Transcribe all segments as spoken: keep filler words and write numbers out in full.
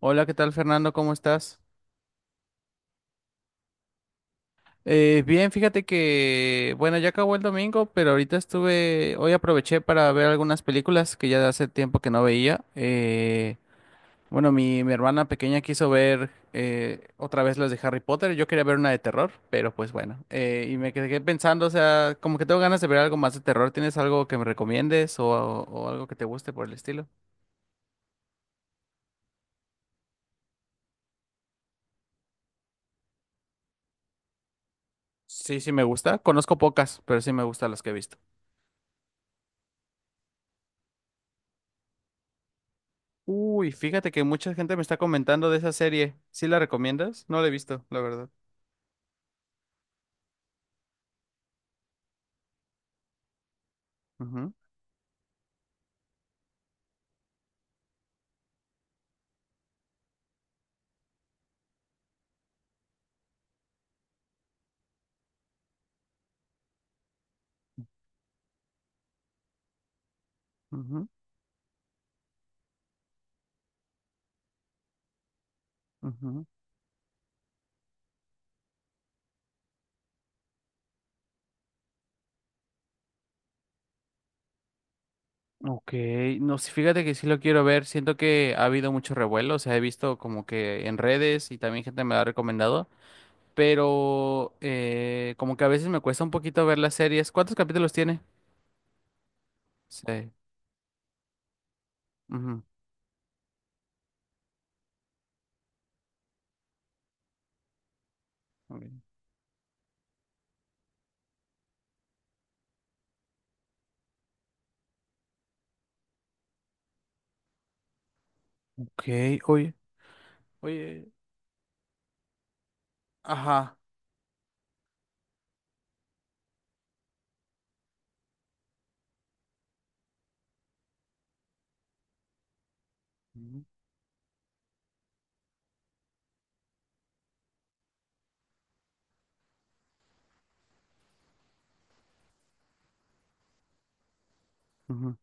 Hola, ¿qué tal Fernando? ¿Cómo estás? Eh, bien, fíjate que, bueno, ya acabó el domingo, pero ahorita estuve, hoy aproveché para ver algunas películas que ya hace tiempo que no veía. Eh, bueno, mi, mi hermana pequeña quiso ver eh, otra vez las de Harry Potter, yo quería ver una de terror, pero pues bueno, eh, y me quedé pensando, o sea, como que tengo ganas de ver algo más de terror, ¿tienes algo que me recomiendes o, o algo que te guste por el estilo? Sí, sí me gusta, conozco pocas, pero sí me gustan las que he visto. Uy, fíjate que mucha gente me está comentando de esa serie. ¿Sí la recomiendas? No la he visto, la verdad. Ujú, ujú, ujú. Ok, no, sí, fíjate que sí lo quiero ver. Siento que ha habido mucho revuelo, o sea, he visto como que en redes y también gente me la ha recomendado, pero eh, como que a veces me cuesta un poquito ver las series. ¿Cuántos capítulos tiene? Sí. Ujú. Ok. Ok, oye. Oye, ajá. Ujú, ujú.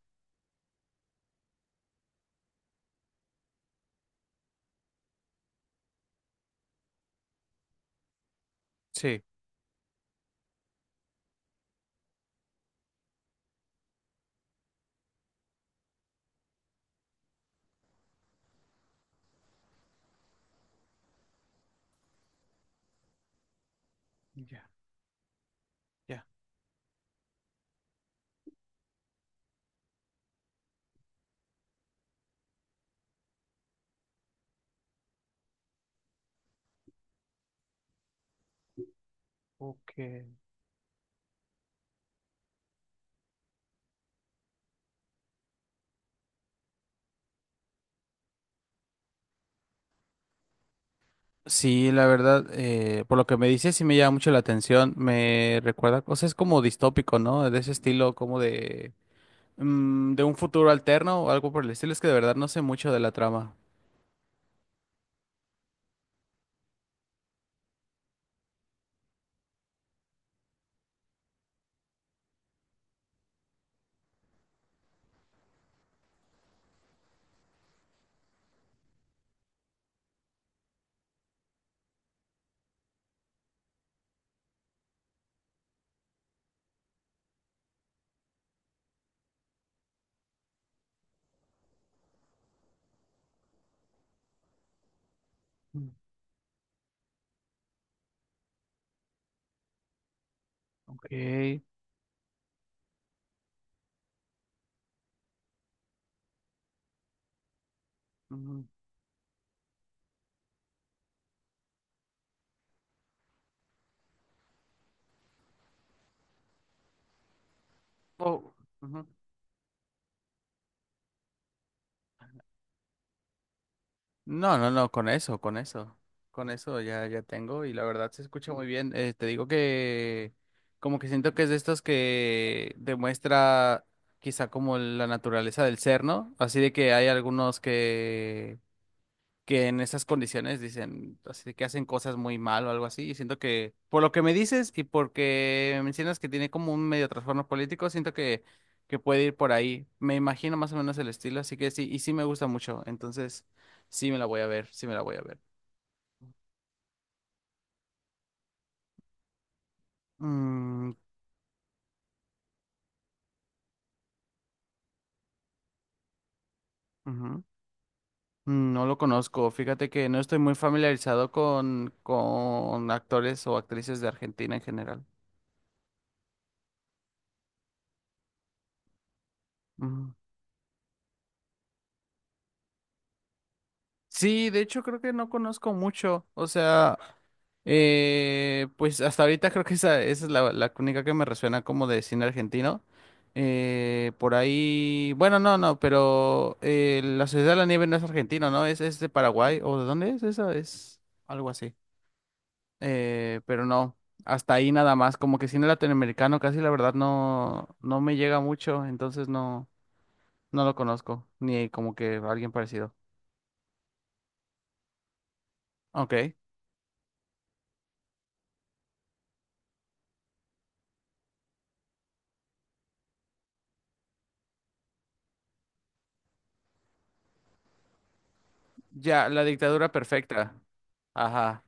Sí. Ya, ya. Ok. Sí, la verdad, eh, por lo que me dices, sí me llama mucho la atención. Me recuerda cosas como distópico, ¿no? De ese estilo, como de, mm, de un futuro alterno o algo por el estilo. Es que de verdad no sé mucho de la trama. Mm. Ok. Mm. Oh, ujú. No, no, no, con eso, con eso. Con eso ya, ya tengo y la verdad se escucha muy bien. Eh, te digo que como que siento que es de estos que demuestra quizá como la naturaleza del ser, ¿no? Así de que hay algunos que que en esas condiciones dicen, así de que hacen cosas muy mal o algo así. Y siento que, por lo que me dices y porque mencionas que tiene como un medio trastorno político, siento que, que puede ir por ahí. Me imagino más o menos el estilo, así que sí, y sí me gusta mucho. Entonces, sí me la voy a ver, sí me la voy a ver. Mm, ujú. No lo conozco. Fíjate que no estoy muy familiarizado con, con actores o actrices de Argentina en general. Ujú. Sí, de hecho creo que no conozco mucho. O sea, Eh, pues hasta ahorita creo que esa, esa es la, la única que me resuena como de cine argentino. Eh, por ahí, bueno, no, no, pero eh, La Sociedad de la Nieve no es argentino, ¿no? Es, es de Paraguay, ¿o de dónde es esa? Es algo así. Eh, pero no, hasta ahí nada más, como que cine latinoamericano casi la verdad no, no me llega mucho, entonces no, no lo conozco, ni como que alguien parecido. Ok, ya, La Dictadura Perfecta. Ajá.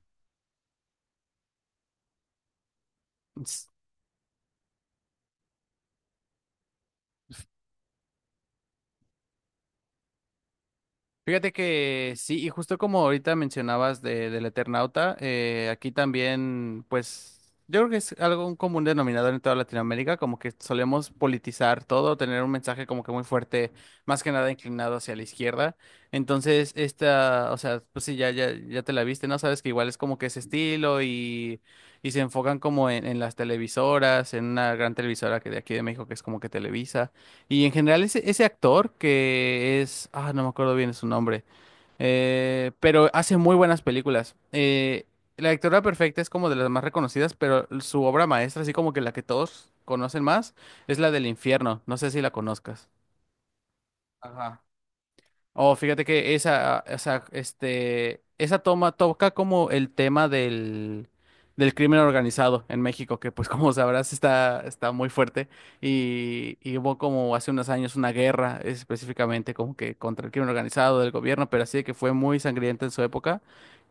Fíjate que sí, y justo como ahorita mencionabas de, del Eternauta, eh, aquí también, pues, yo creo que es algo un común denominador en toda Latinoamérica, como que solemos politizar todo, tener un mensaje como que muy fuerte, más que nada inclinado hacia la izquierda. Entonces, esta, o sea, pues sí, ya, ya, ya te la viste, ¿no? Sabes que igual es como que ese estilo y, y se enfocan como en, en las televisoras, en una gran televisora que de aquí de México, que es como que Televisa. Y en general ese, ese actor que es, ah, no me acuerdo bien su nombre, eh, pero hace muy buenas películas. Eh, La Dictadura Perfecta es como de las más reconocidas, pero su obra maestra, así como que la que todos conocen más, es la del infierno. No sé si la conozcas. Ajá. Oh, fíjate que esa, esa, este, esa toma toca como el tema del, del crimen organizado en México, que pues como sabrás está, está muy fuerte y, y hubo como hace unos años una guerra específicamente como que contra el crimen organizado del gobierno, pero así de que fue muy sangrienta en su época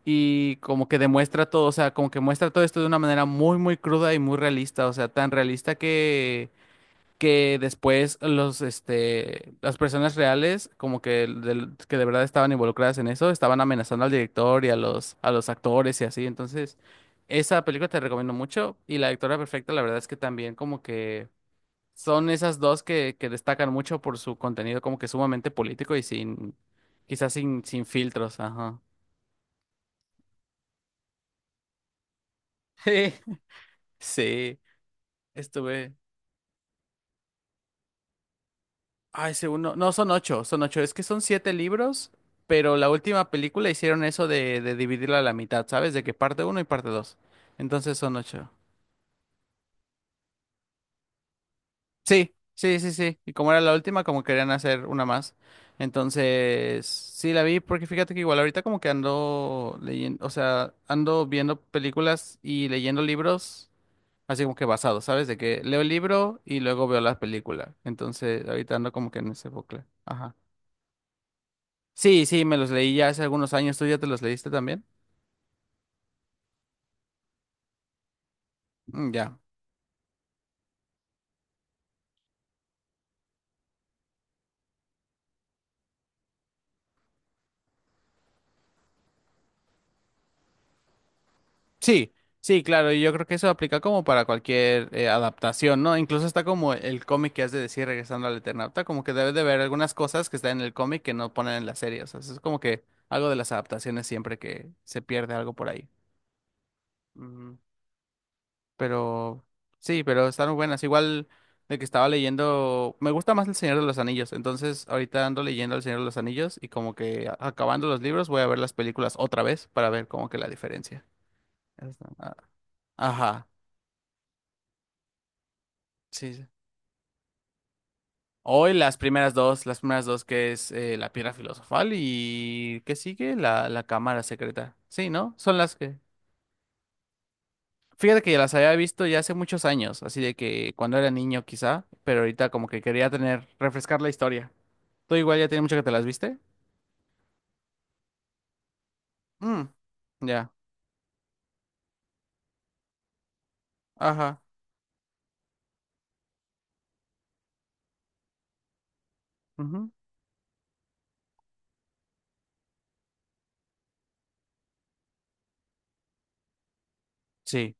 y como que demuestra todo, o sea, como que muestra todo esto de una manera muy, muy cruda y muy realista, o sea, tan realista que que después los, este, las personas reales, como que, del- que de verdad estaban involucradas en eso, estaban amenazando al director y a los, a los actores y así. Entonces, esa película te recomiendo mucho. Y La Dictadura Perfecta, la verdad es que también como que son esas dos que, que destacan mucho por su contenido como que sumamente político y sin, quizás sin, sin filtros, ajá. Sí, estuve. Ay, según no, no son ocho, son ocho. Es que son siete libros, pero la última película hicieron eso de, de dividirla a la mitad, ¿sabes? De que parte uno y parte dos. Entonces son ocho. Sí, sí, sí, sí. Y como era la última, como querían hacer una más. Entonces, sí la vi, porque fíjate que igual ahorita como que ando leyendo, o sea, ando viendo películas y leyendo libros, así como que basado, ¿sabes? De que leo el libro y luego veo la película. Entonces, ahorita ando como que en ese bucle. Ajá. Sí, sí, me los leí ya hace algunos años. ¿Tú ya te los leíste también? Mm, ya. Sí, sí, claro. Y yo creo que eso aplica como para cualquier eh, adaptación, ¿no? Incluso está como el cómic que has de decir regresando al Eternauta, como que debes de ver algunas cosas que están en el cómic que no ponen en la serie. O sea, eso es como que algo de las adaptaciones siempre que se pierde algo por ahí. Mm. Pero sí, pero están muy buenas. Igual de que estaba leyendo, me gusta más El Señor de los Anillos. Entonces, ahorita ando leyendo El Señor de los Anillos y como que a- acabando los libros voy a ver las películas otra vez para ver como que la diferencia. Está- ah, ajá, sí. Sí. Hoy las primeras dos, las primeras dos que es eh, la piedra filosofal y ¿qué sigue? La, la cámara secreta. Sí, ¿no? Son las que... Fíjate que ya las había visto ya hace muchos años, así de que cuando era niño quizá, pero ahorita como que quería tener, refrescar la historia. Tú igual ya tiene mucho que te las viste. Mm, ya. Ajá. Ujú, sí.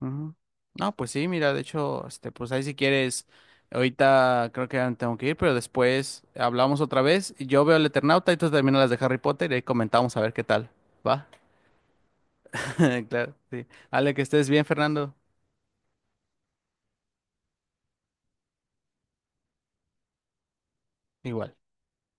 Ujú. No, pues sí, mira, de hecho, este, pues ahí si quieres, ahorita creo que ya me tengo que ir, pero después hablamos otra vez. Y yo veo el Eternauta y tú terminas las de Harry Potter y ahí comentamos a ver qué tal. ¿Va? Claro, sí. Ale, que estés bien, Fernando. Igual.